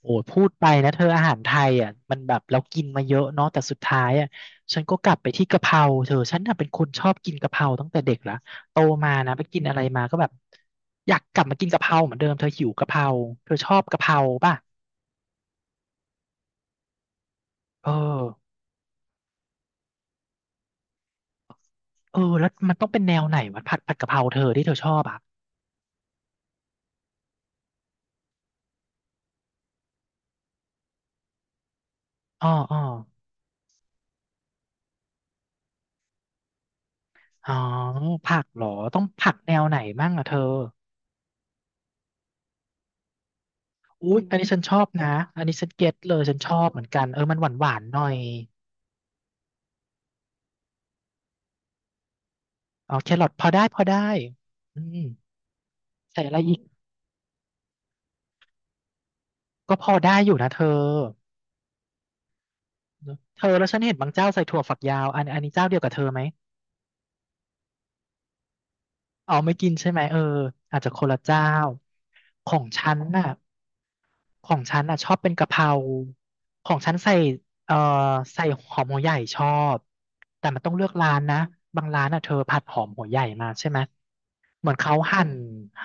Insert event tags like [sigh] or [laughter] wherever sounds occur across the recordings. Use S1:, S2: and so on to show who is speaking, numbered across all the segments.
S1: โอ้ยพูดไปนะเธออาหารไทยอ่ะมันแบบเรากินมาเยอะเนาะแต่สุดท้ายอ่ะฉันก็กลับไปที่กะเพราเธอฉันน่ะเป็นคนชอบกินกะเพราตั้งแต่เด็กละโตมานะไปกินอะไรมาก็แบบอยากกลับมากินกะเพราเหมือนเดิมเธอหิวกะเพราเธอชอบกะเพราป่ะเอออแล้วมันต้องเป็นแนวไหนวะผัดกะเพราเธอที่เธอชอบอ่ะอ๋ออ๋อผักเหรอต้องผักแนวไหนมั่งอ่ะเธออุ๊ยอันนี้ฉันชอบนะอันนี้ฉันเก็ตเลยฉันชอบเหมือนกันเออมันหวานหวานหน่อย อ๋อแครอทพอได้อืมใส่อะไรอีกก็พอได้อยู่นะเธอเนอะเธอแล้วฉันเห็นบางเจ้าใส่ถั่วฝักยาวอันนี้เจ้าเดียวกับเธอไหมอ๋อไม่กินใช่ไหมเอออาจจะคนละเจ้าของฉันน่ะ ของฉันอ่ะชอบเป็นกะเพราของฉันใส่เอ่อใส่หอมหัวใหญ่ชอบแต่มันต้องเลือกร้านนะบางร้านอ่ะเธอผัดหอมหัวใหญ่มาใช่ไหมเหมือนเขาหั่น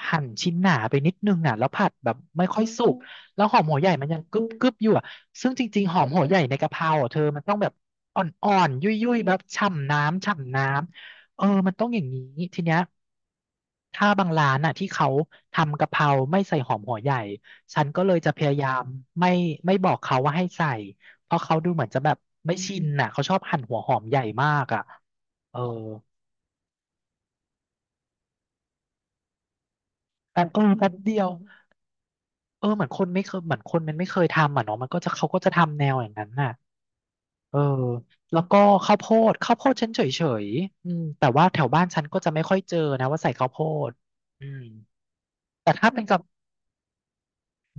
S1: หั่นชิ้นหนาไปนิดนึงอ่ะแล้วผัดแบบไม่ค่อยสุกแล้วหอมหัวใหญ่มันยังกึบกึบอยู่อ่ะซึ่งจริงๆหอมหัวใหญ่ในกะเพราอ่ะเธอมันต้องแบบอ่อนๆยุ่ยๆแบบฉ่ำน้ำเออมันต้องอย่างนี้ทีเนี้ยถ้าบางร้านอ่ะที่เขาทำกะเพราไม่ใส่หอมหัวใหญ่ ฉันก็เลยจะพยายามไม่ไม่บอกเขาว่าให้ใส่ เพราะเขาดูเหมือนจะแบบไม่ชินน่ะเขาชอบหั่นหัวหอมใหญ่มากอ่ะเออเออแป๊บเดียวเออเหมือนคนไม่เคยเหมือนคนมันไม่เคยทำอ่ะเนาะมันก็จะเขาก็จะทำแนวอย่างนั้นน่ะเออแล้วก็ข้าวโพข้าวโพดฉันเฉยๆอืมแต่ว่าแถวบ้านฉันก็จะไม่ค่อยเจอนะว่าใส่ข้าวโพดอืมแต่ถ้าเป็นกับ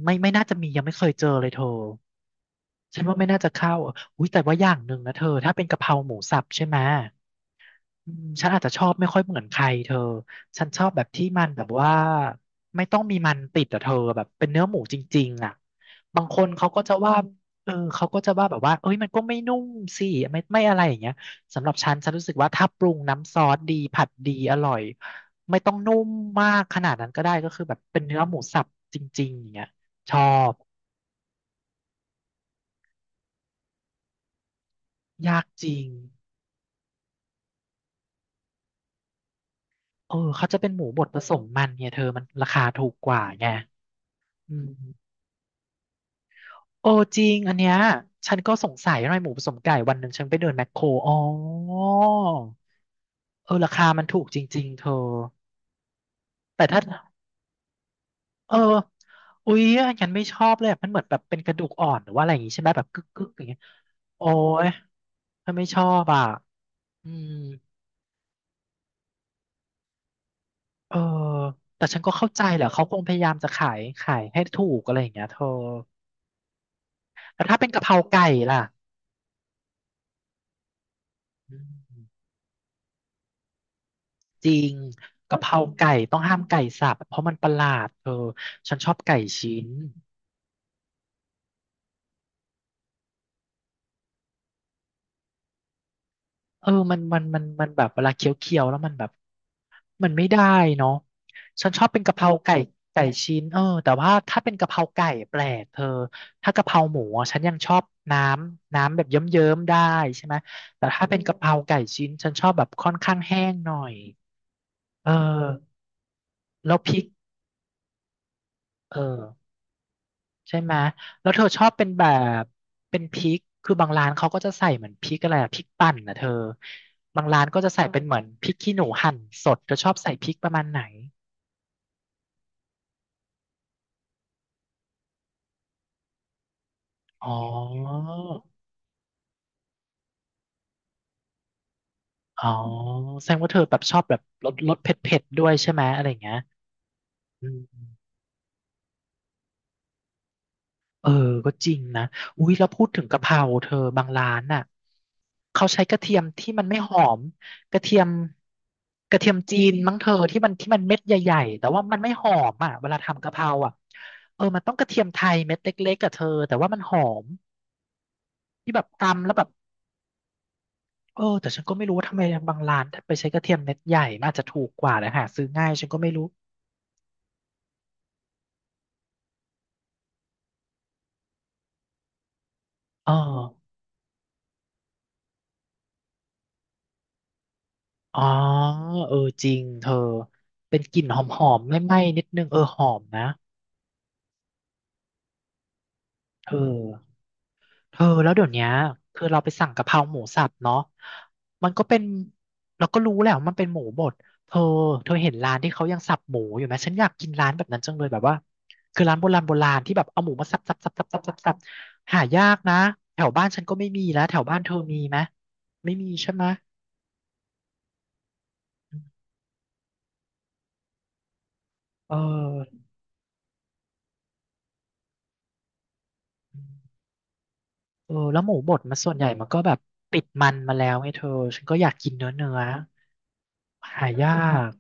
S1: ไม่น่าจะมียังไม่เคยเจอเลยเธอฉันว่าไม่น่าจะเข้าอุ้ยแต่ว่าอย่างหนึ่งนะเธอถ้าเป็นกะเพราหมูสับใช่ไหม อืมฉันอาจจะชอบไม่ค่อยเหมือนใครเธอ ฉันชอบแบบที่มันแบบว่าไม่ต้องมีมันติดอะเธอแบบเป็นเนื้อหมูจริงๆอ่ะบางคนเขาก็จะว่าเออเขาก็จะว่าแบบว่าเอ้ยมันก็ไม่นุ่มสิไม่อะไรอย่างเงี้ยสำหรับฉันฉันรู้สึกว่าถ้าปรุงน้ำซอสดีผัดดีอร่อยไม่ต้องนุ่มมากขนาดนั้นก็ได้ก็คือแบบเป็นเนื้อหมูสับจริงๆอย่างเงี้ยชอบยากจริงเออเขาจะเป็นหมูบดผสมมันเนี่ยเธอมันราคาถูกกว่าไงอืม โอ้จริงอันเนี้ยฉันก็สงสัยทำไมหมูผสมไก่วันหนึ่งฉันไปเดินแมคโครอ๋อเออราคามันถูกจริงๆเธอแต่ถ้าเอออุ๊ยอันนั้นไม่ชอบเลยอะมันเหมือนแบบเป็นกระดูกอ่อนหรือว่าอะไรอย่างงี้ใช่ไหมแบบกึกกึกอย่างเงี้ยโอ้ยฉันไม่ชอบอ่ะอืมเออแต่ฉันก็เข้าใจแหละเขาคงพยายามจะขายให้ถูกอะไรอย่างเงี้ยเธอแล้วถ้าเป็นกะเพราไก่ล่ะอืม จริงกะเพราไก่ต้องห้ามไก่สับเพราะมันประหลาดเธอฉันชอบไก่ชิ้นเออมันแบบเวลาเคี้ยวๆแล้วมันแบบมันไม่ได้เนาะฉันชอบเป็นกะเพราไก่ไก่ชิ้นเออแต่ว่าถ้าเป็นกะเพราไก่แปลกเธอถ้ากะเพราหมูอะฉันยังชอบน้น้ำแบบเยิ้มๆได้ใช่ไหมแต่ถ้าเป็นกะเพราไก่ชิ้นฉันชอบแบบค่อนข้างแห้งหน่อยเออแล้วพริกเออ ใช่ไหม แล้วเธอชอบเป็นแบบเป็นพริก คือบางร้านเขาก็จะใส่เหมือนพริกอะไรอะพริกปั่นนะเธอ บางร้านก็จะใส่อมเป็นเหมือนพริกขี้หนูหั่นสดเธอชอบใส่พริกประมาณไหนอ๋ออ๋อแสดงว่าเธอแบบชอบแบบรสเผ็ดๆด้วยใช่ไหมอะไรอย่างเงี้ยอืม เออก็จริงนะอุ้ยแล้วพูดถึงกะเพราเธอบางร้านน่ะเขาใช้กระเทียมที่มันไม่หอมกระเทียมกระเทียมจีนมั้งเธอที่มันเม็ดใหญ่ๆแต่ว่ามันไม่หอมอ่ะเวลาทำกะเพราอ่ะเออมันต้องกระเทียมไทยเม็ดเล็กๆกับเธอแต่ว่ามันหอมที่แบบตำแล้วแบบเออแต่ฉันก็ไม่รู้ว่าทำไมบางร้านไปใช้กระเทียมเม็ดใหญ่มันอาจจะถูกกว่านะหาซื้อง่ายฉันก็ไม่รู้เอออ๋อเออจริงเธอเป็นกลิ่นหอมๆไม่ไหม้นิดนึงเออหอมนะ เออเธอแล้วเดี๋ยวเนี้ยคือเราไปสั่งกะเพราหมูสับเนาะมันก็เป็นเราก็รู้แหละว่ามันเป็นหมูบดเธอเธอเห็นร้านที่เขายังสับหมูอยู่ไหมฉันอยากกินร้านแบบนั้นจังเลยแบบว่าคือร้านโบราณโบราณที่แบบเอาหมูมาสับสับสับสับสับสับสับหายากนะแถวบ้านฉันก็ไม่มีแล้วแถวบ้านเธอมีไหมไม่มีใช่ไหมเออเออแล้วหมูบดมันส่วนใหญ่มันก็แบบติดมันมาแล้วไงเธอฉันก็อยากกินเนื้อเนื้อหายาก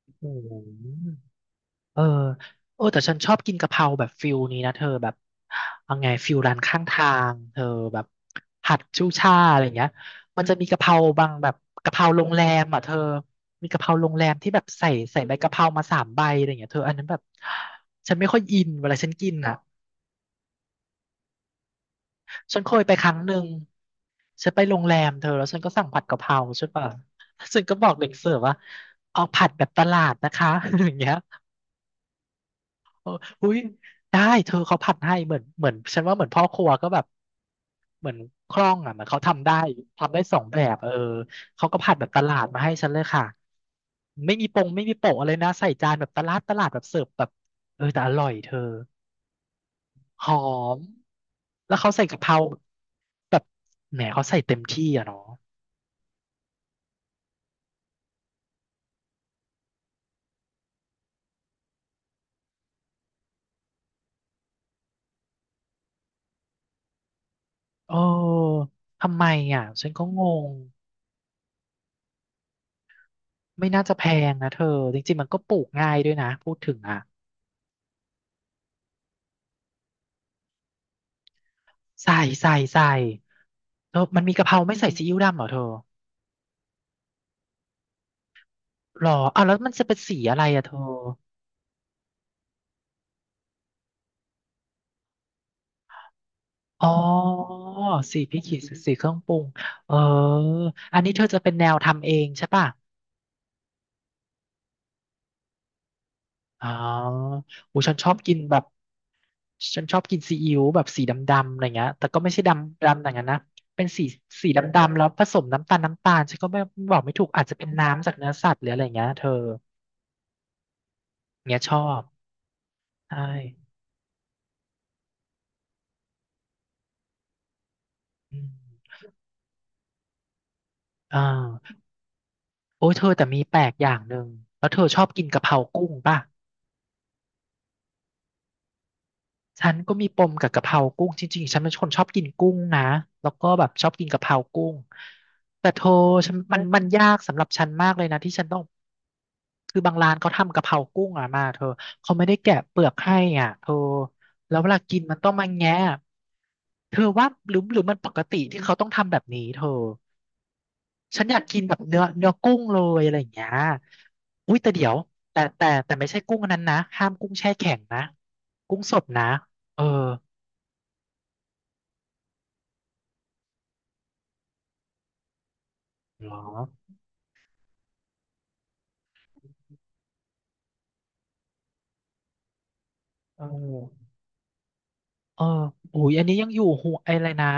S1: โอ้โห เออโอ้แต่ฉันชอบกินกะเพราแบบฟิลนี้นะเธอแบบเอาไงฟิลร้านข้างทางเธอแบบผัดชูช่ายอะไรอย่างเงี้ยมันจะมีกะเพราบางแบบกะเพราโรงแรมอ่ะเธอมีกะเพราโรงแรมที่แบบใส่ใบกะเพรามา3 ใบอะไรอย่างเงี้ยเธออันนั้นแบบฉันไม่ค่อยอินเวลาฉันกินอ่ะฉันเคยไป1 ครั้งฉันไปโรงแรมเธอแล้วฉันก็สั่งผัดกะเพราใช่ป่ะฉันก็บอกเด็กเสิร์ฟว่าเอาผัดแบบตลาดนะคะ [laughs] อย่างเงี้ย อุ้ยได้เธอเขาผัดให้เหมือนฉันว่าเหมือนพ่อครัวก็แบบเหมือนคล่องอ่ะเหมือนเขาทำได้ทำได้2 แบบเออเขาก็ผัดแบบตลาดมาให้ฉันเลยค่ะไม่มีปงไม่มีโปะอะไรนะใส่จานแบบตลาดตลาดแบบเสิร์ฟแบบเออแต่อร่อยเธอหอมแล้วเขาใส่กะเพราแบบแหมเขาใส่เต็มที่อ่ะเนาะเออทำไมอ่ะฉันก็งงไม่น่าจะแพงนะเธอจริงๆมันก็ปลูกง่ายด้วยนะพูดถึงอ่ะ ใส่ใส่เธอมันมีกะเพราไม่ใส่ซีอิ๊วดำเหรอเธอหรออ้าวแล้วมันจะเป็นสีอะไรอะเธออ๋อสีพริกขี้หนูสีเครื่องปรุงเอออันนี้เธอจะเป็นแนวทำเองใช่ป่ะอ๋ออูฉันชอบกินแบบฉันชอบกินซีอิ๊วแบบสีดำๆอะไรเงี้ยแต่ก็ไม่ใช่ดำดำอย่างนั้นนะเป็นสีสีดำๆแล้วผสมน้ำตาลน้ำตาลฉันก็ไม่บอกไม่ถูกอาจจะเป็นน้ำจากเนื้อสัตว์หรืออะไรเงี้ยเธอเงี้ยชอบใช่อืมอ่า โอ้ยเธอแต่มีแปลกอย่างหนึ่งแล้วเธอชอบกินกะเพรากุ้งป่ะฉันก็มีปมกับกะเพรากุ้งจริงๆฉันเป็นคนชอบกินกุ้งนะแล้วก็แบบชอบกินกะเพรากุ้งแต่เธอฉันมันยากสำหรับฉันมากเลยนะที่ฉันต้องคือบางร้านเขาทำกะเพรากุ้งอ่ะมาเธอเขาไม่ได้แกะเปลือกให้อ่ะเธอแล้วเวลากินมันต้องมาแงะเธอว่าหรือมันปกติที่เขาต้องทำแบบนี้เธอ ฉันอยากกินแบบเนื้อเนื้อกุ้งเลยอะไรอย่างเงี้ยอุ้ยแต่เดี๋ยวแต่ไม่ใช่กุ้งอันนั้นนะห้ามกุ้งแช่แข็งนะกุ้งสดนะเออเหรอเออ เอออุ้ยอันนี้ยังอยู่หัวไออะไรนะ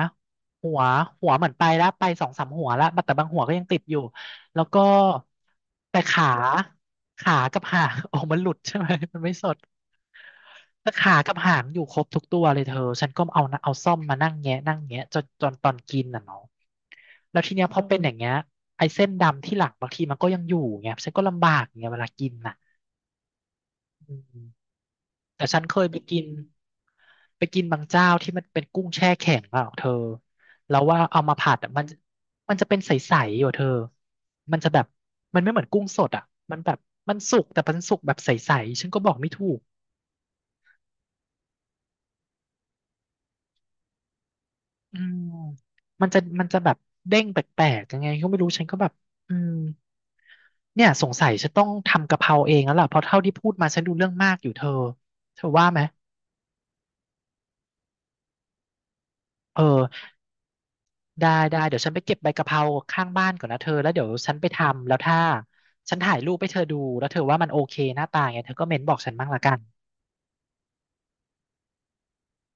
S1: หัวหัวเหมือนไปแล้วไป2-3 หัวแล้วแต่บางหัวก็ยังติดอยู่แล้วก็แต่ขาขากับหาง [laughs] ออกมันหลุดใช่ไหมมันไม่สดแต่ขากับหางอยู่ครบทุกตัวเลยเธอฉันก็เอานะเอาซ่อมมานั่งแงะนั่งแงะจนตอนกินน่ะเนาะแล้วทีเนี้ยพอเป็นอย่างเงี้ยไอ้เส้นดำที่หลังบางทีมันก็ยังอยู่ไงฉันก็ลำบากไงเวลากินน่ะอืม แต่ฉันเคยไปกินบางเจ้าที่มันเป็นกุ้งแช่แข็งเปล่าเธอแล้วว่าเอามาผัดอ่ะมันมันจะเป็นใสๆอยู่เธอมันจะแบบมันไม่เหมือนกุ้งสดอ่ะมันแบบมันสุกแต่มันสุกแบบใสๆฉันก็บอกไม่ถูกอืมมันจะแบบเด้งแปลกๆยังไงก็ไม่รู้ฉันก็แบบอืมเนี่ยสงสัยฉันต้องทำกะเพราเองแล้วล่ะเพราะเท่าที่พูดมาฉันดูเรื่องมากอยู่เธอเธอว่าไหมเออ ได้เดี๋ยวฉันไปเก็บใบกะเพราข้างบ้านก่อนนะเธอแล้วเดี๋ยวฉันไปทำแล้วถ้าฉันถ่ายรูปให้เธอดูแล้วเธอว่ามันโอเคหน้าตาไงเธอก็เม้นบอกฉันบ้างละกัน